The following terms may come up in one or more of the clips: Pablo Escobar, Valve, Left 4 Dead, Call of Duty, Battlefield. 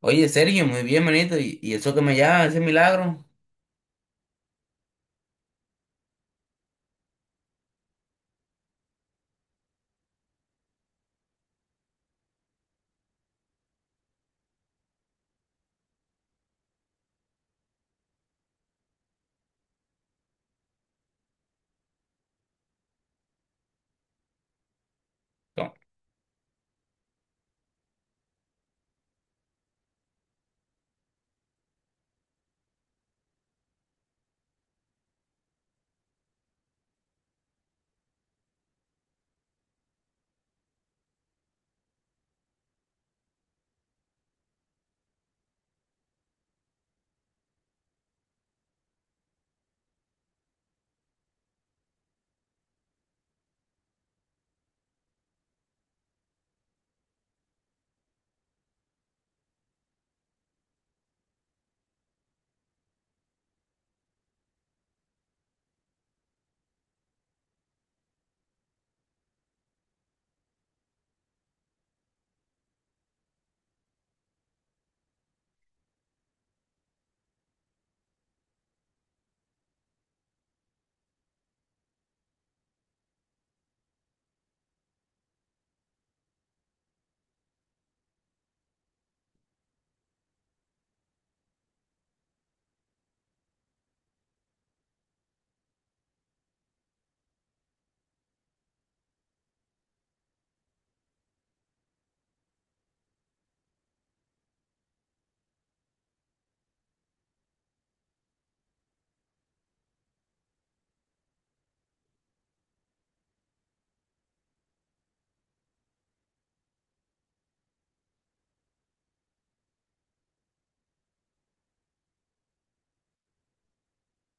Oye, Sergio, muy bien, manito. ¿Y eso que me llama, ese milagro? No,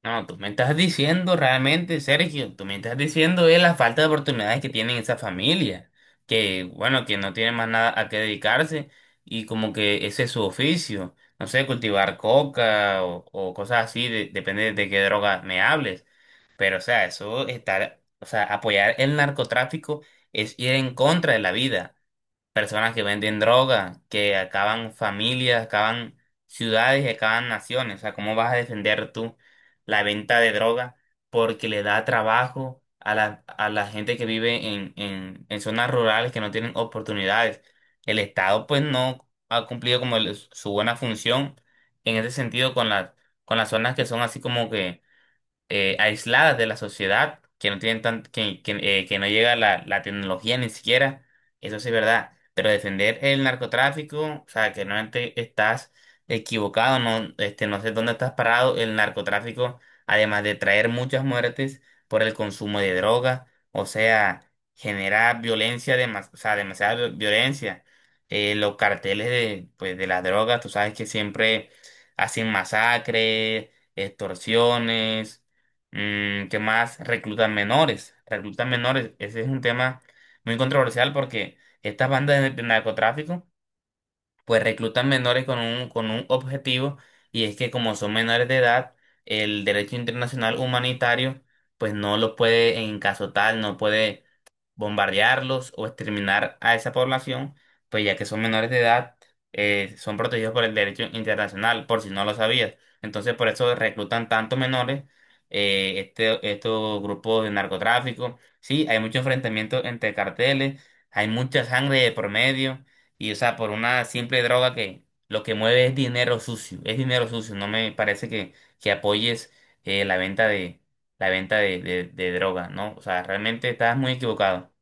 no, tú me estás diciendo realmente, Sergio, tú me estás diciendo es la falta de oportunidades que tienen esa familia, que bueno, que no tienen más nada a qué dedicarse y como que ese es su oficio, no sé, cultivar coca o cosas así, depende de qué droga me hables, pero o sea, eso está, o sea, apoyar el narcotráfico es ir en contra de la vida. Personas que venden droga, que acaban familias, acaban ciudades y acaban naciones. O sea, ¿cómo vas a defender tú la venta de droga porque le da trabajo a la gente que vive en zonas rurales que no tienen oportunidades? El Estado pues no ha cumplido como su buena función en ese sentido con con las zonas que son así como que aisladas de la sociedad, que no tienen tan, que no llega la tecnología ni siquiera, eso sí es verdad. Pero defender el narcotráfico, o sea, que realmente estás equivocado, no, no sé dónde estás parado. El narcotráfico, además de traer muchas muertes por el consumo de droga, o sea, genera violencia, o sea, demasiada violencia. Los carteles de, pues, de las drogas, tú sabes que siempre hacen masacres, extorsiones. ¿Qué más? Reclutan menores. Reclutan menores. Ese es un tema muy controversial porque estas bandas de narcotráfico pues reclutan menores con un objetivo, y es que como son menores de edad, el derecho internacional humanitario pues no los puede en caso tal, no puede bombardearlos o exterminar a esa población, pues ya que son menores de edad, son protegidos por el derecho internacional, por si no lo sabías. Entonces, por eso reclutan tantos menores, estos grupos de narcotráfico. Sí, hay mucho enfrentamiento entre carteles, hay mucha sangre de por medio, y o sea, por una simple droga que lo que mueve es dinero sucio, es dinero sucio. No me parece que apoyes la venta de, la venta de droga, ¿no? O sea, realmente estás muy equivocado.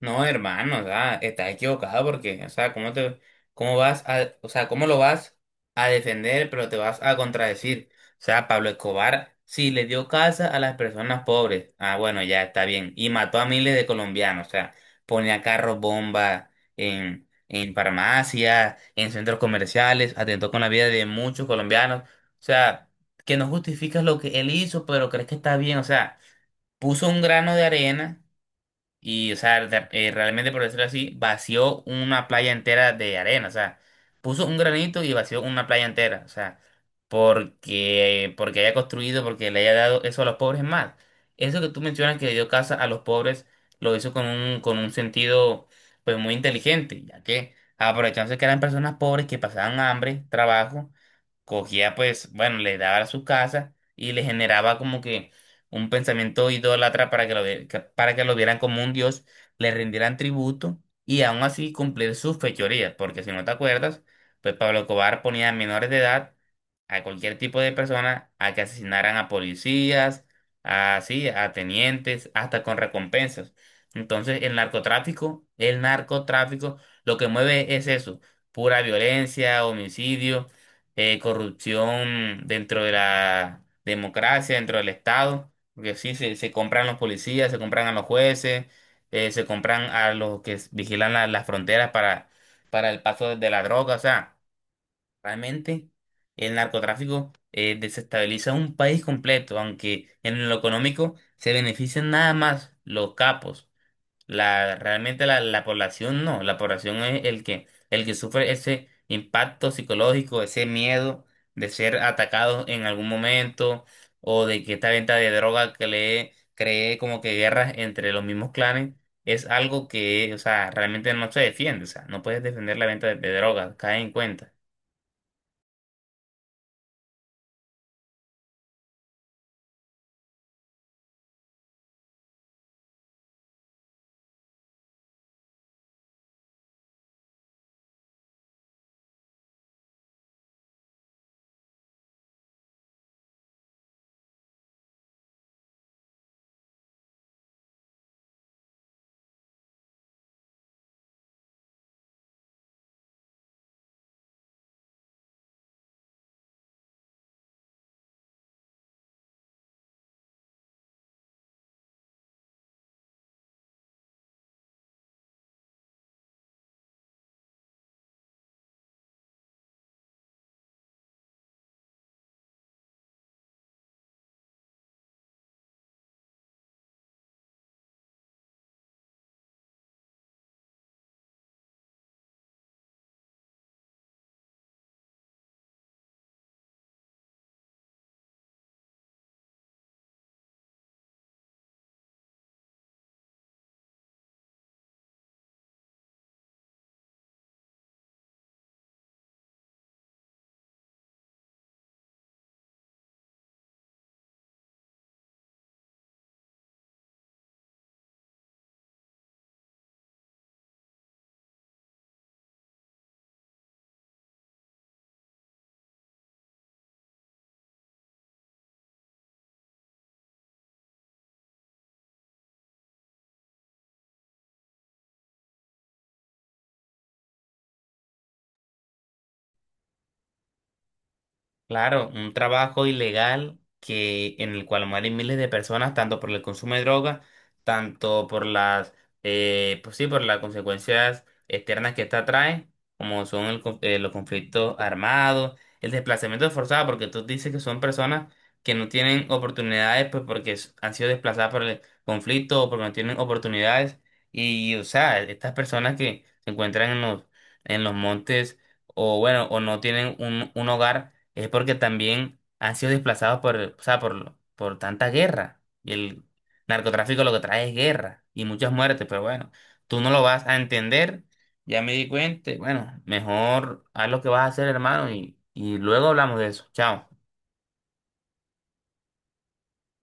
No, hermano, o sea, estás equivocado porque, o sea, ¿cómo te, cómo vas a, o sea, cómo lo vas a defender, pero te vas a contradecir? O sea, Pablo Escobar sí le dio casa a las personas pobres. Ah, bueno, ya está bien. Y mató a miles de colombianos, o sea, ponía carros bomba en farmacias, en centros comerciales, atentó con la vida de muchos colombianos. O sea, que no justificas lo que él hizo, pero crees que está bien, o sea, puso un grano de arena y, o sea, realmente, por decirlo así, vació una playa entera de arena. O sea, puso un granito y vació una playa entera. O sea, porque, porque haya construido, porque le haya dado eso a los pobres es más. Eso que tú mencionas que le dio casa a los pobres, lo hizo con un sentido, pues, muy inteligente, ya que aprovechándose que eran personas pobres que pasaban hambre, trabajo cogía pues, bueno, le daba a su casa y le generaba como que un pensamiento idólatra para que lo, para que lo vieran como un dios, le rindieran tributo y aún así cumplir sus fechorías, porque si no te acuerdas, pues Pablo Cobar ponía a menores de edad a cualquier tipo de persona a que asesinaran a policías, a, sí, a tenientes, hasta con recompensas. Entonces, el narcotráfico lo que mueve es eso, pura violencia, homicidio, corrupción dentro de la democracia, dentro del Estado, porque sí, se compran los policías, se compran a los jueces, se compran a los que vigilan las fronteras para el paso de la droga, o sea, realmente el narcotráfico desestabiliza un país completo, aunque en lo económico se benefician nada más los capos. Realmente la población no, la población es el que sufre ese impacto psicológico, ese miedo de ser atacado en algún momento o de que esta venta de droga que le cree como que guerras entre los mismos clanes es algo que, o sea, realmente no se defiende, o sea, no puedes defender la venta de droga, cae en cuenta. Claro, un trabajo ilegal que en el cual mueren miles de personas, tanto por el consumo de drogas, tanto por las, pues sí, por las consecuencias externas que esta trae, como son los conflictos armados, el desplazamiento forzado, porque tú dices que son personas que no tienen oportunidades, pues porque han sido desplazadas por el conflicto o porque no tienen oportunidades, y o sea, estas personas que se encuentran en en los montes o bueno, o no tienen un hogar es porque también han sido desplazados por, o sea, por tanta guerra. Y el narcotráfico lo que trae es guerra y muchas muertes, pero bueno, tú no lo vas a entender. Ya me di cuenta, bueno, mejor haz lo que vas a hacer, hermano, y luego hablamos de eso. Chao.